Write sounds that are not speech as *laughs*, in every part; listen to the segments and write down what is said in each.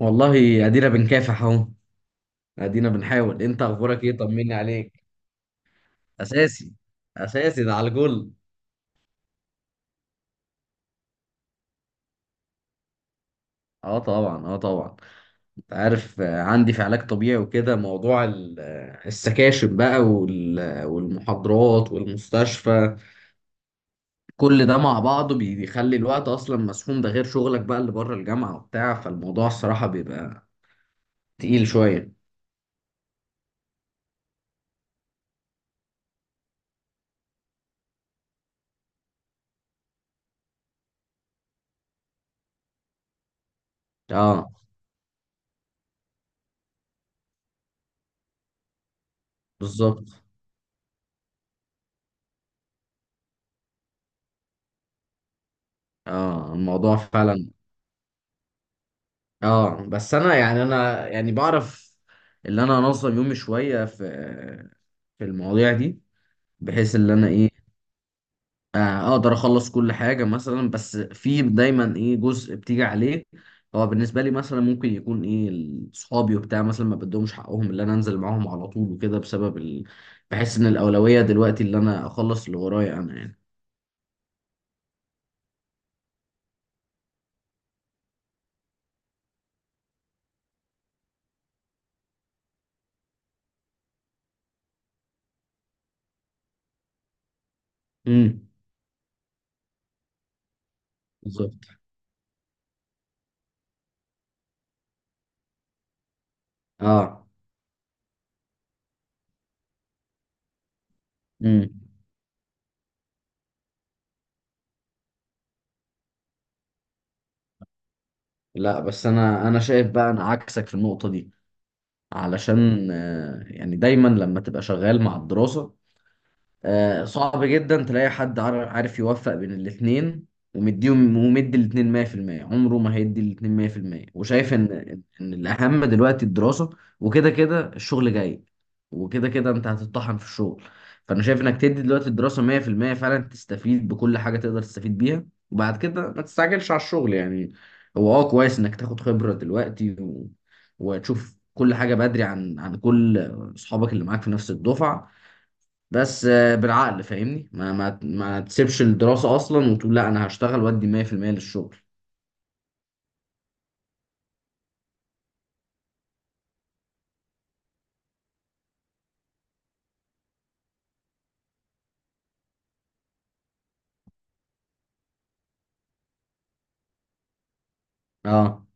والله، ادينا بنكافح اهو. ادينا بنحاول. انت اخبارك ايه؟ طمني عليك. اساسي، اساسي ده على الجول. اه طبعا، اه طبعا. انت عارف، عندي في علاج طبيعي وكده. موضوع السكاشن بقى وال- آه، والمحاضرات والمستشفى. كل ده مع بعضه بيخلي الوقت اصلا مسحوم، ده غير شغلك بقى اللي بره الجامعة وبتاع. فالموضوع الصراحة بيبقى تقيل شوية. اه بالظبط، اه الموضوع فعلا. اه بس انا يعني، انا يعني بعرف اللي انا انظم يومي شويه في المواضيع دي، بحيث اللي انا ايه، اقدر اخلص كل حاجه مثلا. بس في دايما ايه جزء بتيجي عليه، هو بالنسبه لي مثلا ممكن يكون ايه صحابي وبتاع مثلا، ما بدهمش حقهم اللي انا انزل معاهم على طول وكده بسبب بحس ان الاولويه دلوقتي اللي انا اخلص اللي ورايا انا يعني. امم. بالظبط. اه. امم. لا بس انا، انا شايف بقى انا عكسك في النقطه دي، علشان يعني دايما لما تبقى شغال مع الدراسة، صعب جدا تلاقي حد عارف يوفق بين الاتنين ومديهم ومدي الاتنين 100%. عمره ما هيدي الاتنين 100%. وشايف ان الاهم دلوقتي الدراسة، وكده كده الشغل جاي، وكده كده انت هتطحن في الشغل. فانا شايف انك تدي دلوقتي الدراسة 100% فعلا، تستفيد بكل حاجة تقدر تستفيد بيها، وبعد كده ما تستعجلش على الشغل يعني. هو اه كويس انك تاخد خبرة دلوقتي و... وتشوف كل حاجة بدري عن كل اصحابك اللي معاك في نفس الدفعة. بس بالعقل فاهمني، ما تسيبش الدراسة أصلا وتقول لا، أنا هشتغل وأدي 100% للشغل. اه.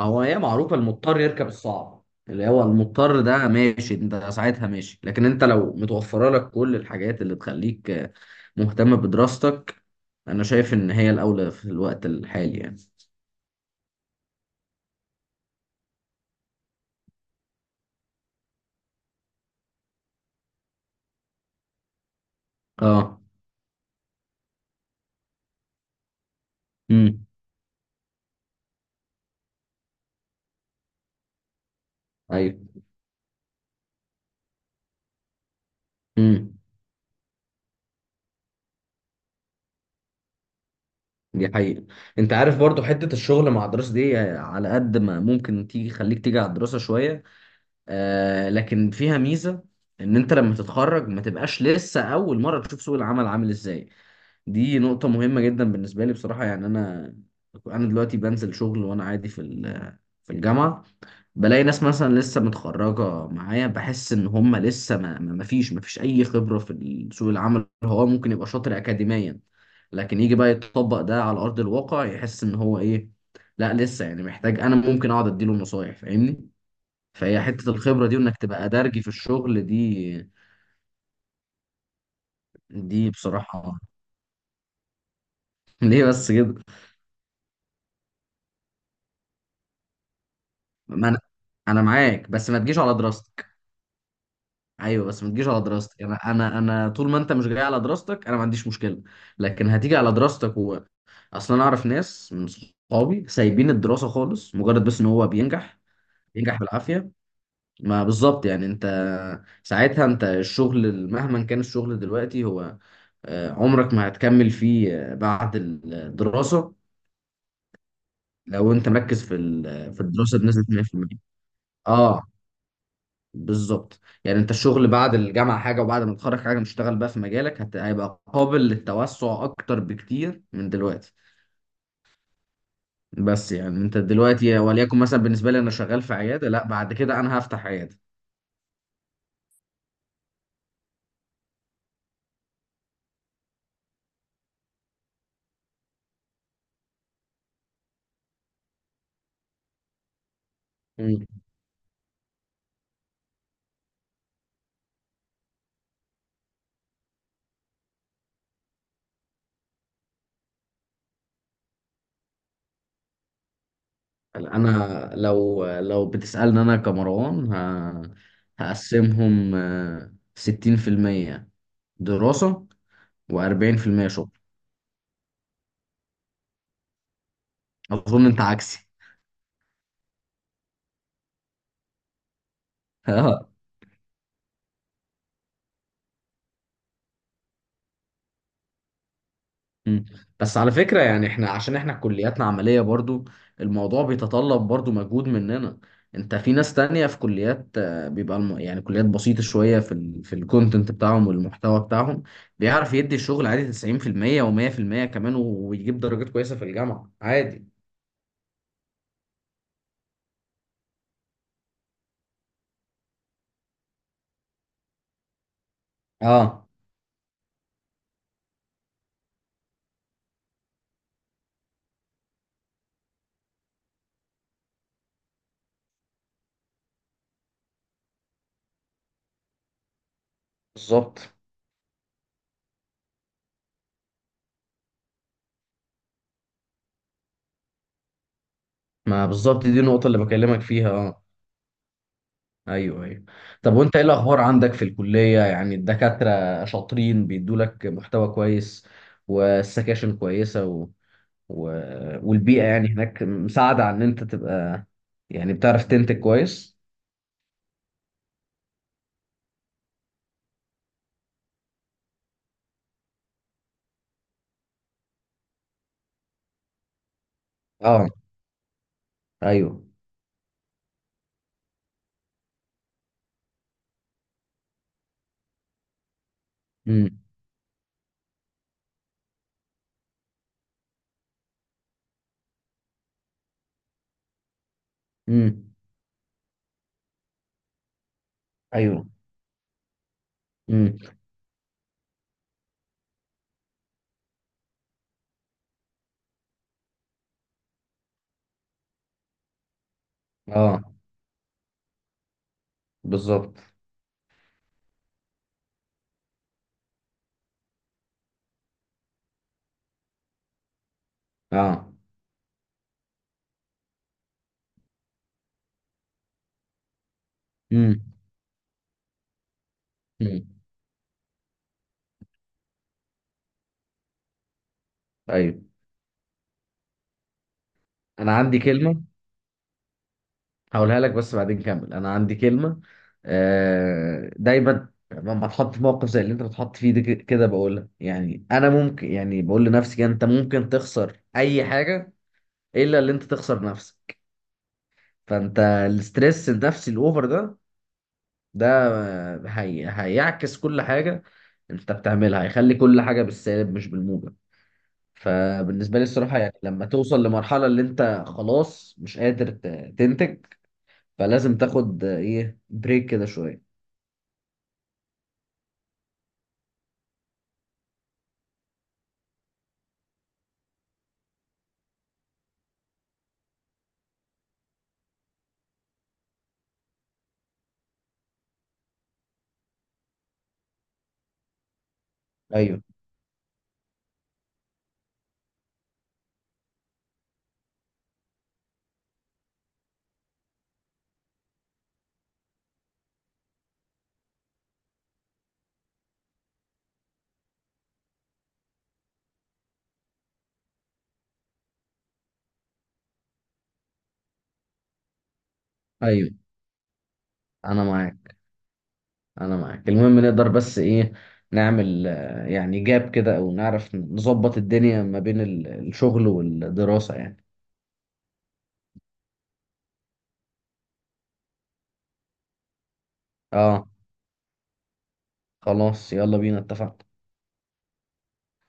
هو هي معروفة، المضطر يركب الصعب. اللي هو المضطر ده ماشي، انت ساعتها ماشي. لكن انت لو متوفرة لك كل الحاجات اللي تخليك مهتم بدراستك، أنا شايف إن هي الأولى في الوقت الحالي يعني. اه. امم. ايوه. امم. دي حقيقة. انت عارف برضو حتة الشغل مع الدراسة دي، على قد ما ممكن تيجي خليك تيجي على الدراسة شوية. آه، لكن فيها ميزة، ان انت لما تتخرج ما تبقاش لسه اول مرة تشوف سوق العمل عامل ازاي. دي نقطة مهمة جدا بالنسبة لي بصراحة. يعني انا، انا دلوقتي بنزل شغل وانا عادي في في الجامعة. بلاقي ناس مثلا لسه متخرجة معايا، بحس ان هم لسه، ما فيش اي خبرة في سوق العمل. هو ممكن يبقى شاطر اكاديميا، لكن يجي بقى يطبق ده على ارض الواقع يحس ان هو ايه، لا لسه يعني محتاج. انا ممكن اقعد اديله نصايح فاهمني. فهي حتة الخبرة دي وإنك تبقى درجي في الشغل دي، دي بصراحة. *laughs* ليه بس كده؟ ما أنا، أنا معاك بس ما تجيش على دراستك. أيوه بس ما تجيش على دراستك. أنا طول ما أنت مش جاي على دراستك أنا ما عنديش مشكلة. لكن هتيجي على دراستك و... أصلا أنا أعرف ناس من صحابي سايبين الدراسة خالص، مجرد بس إن هو بينجح، بينجح بالعافية. ما بالظبط يعني أنت، ساعتها أنت الشغل مهما كان الشغل دلوقتي هو، عمرك ما هتكمل فيه بعد الدراسة، لو انت مركز في في الدراسه بنسبه 100%. اه بالظبط يعني. انت الشغل بعد الجامعه حاجه، وبعد ما تتخرج حاجه، مشتغل بقى في مجالك، هيبقى قابل للتوسع اكتر بكتير من دلوقتي. بس يعني انت دلوقتي، وليكن مثلا بالنسبه لي انا شغال في عياده، لا بعد كده انا هفتح عياده. مم. انا لو، لو بتسالني انا كمروان، هقسمهم 60% دراسه و40% شغل. اظن انت عكسي. *laughs* مم. بس على فكرة يعني احنا، عشان احنا كلياتنا عملية برضو، الموضوع بيتطلب برضو مجهود مننا. انت في ناس تانية في كليات، بيبقى يعني كليات بسيطة شوية في في الكونتنت بتاعهم والمحتوى بتاعهم، بيعرف يدي الشغل عادي 90% و100% كمان، ويجيب درجات كويسة في الجامعة عادي. اه بالظبط. ما بالظبط، دي النقطة اللي بكلمك فيها اه. ايوه، ايوه. طب وانت ايه الاخبار عندك في الكليه؟ يعني الدكاتره شاطرين بيدوا لك محتوى كويس، والسكاشن كويسه و... و... والبيئه يعني هناك مساعده عن ان انت تبقى، يعني بتعرف تنتج كويس؟ اه. ايوه. امم. امم. ايوه. امم. اه بالظبط. اه. امم. امم. ايوه. انا عندي كلمه هقولها لك، بس بعدين كمل. انا عندي كلمه، دايما لما اتحط في موقف زي اللي انت بتحط فيه ده كده بقولها، يعني انا ممكن يعني بقول لنفسي كده، انت ممكن تخسر اي حاجه الا اللي انت تخسر نفسك. فانت الاسترس النفسي الاوفر ده، ده هيعكس كل حاجه انت بتعملها، هيخلي كل حاجه بالسالب مش بالموجب. فبالنسبه لي الصراحه يعني، لما توصل لمرحله اللي انت خلاص مش قادر تنتج، فلازم تاخد ايه بريك كده شويه. ايوه، ايوه. انا معاك، انا معاك. المهم نقدر بس ايه، نعمل يعني جاب كده او نعرف نظبط الدنيا ما بين الشغل والدراسة يعني. اه، خلاص يلا بينا، اتفقنا.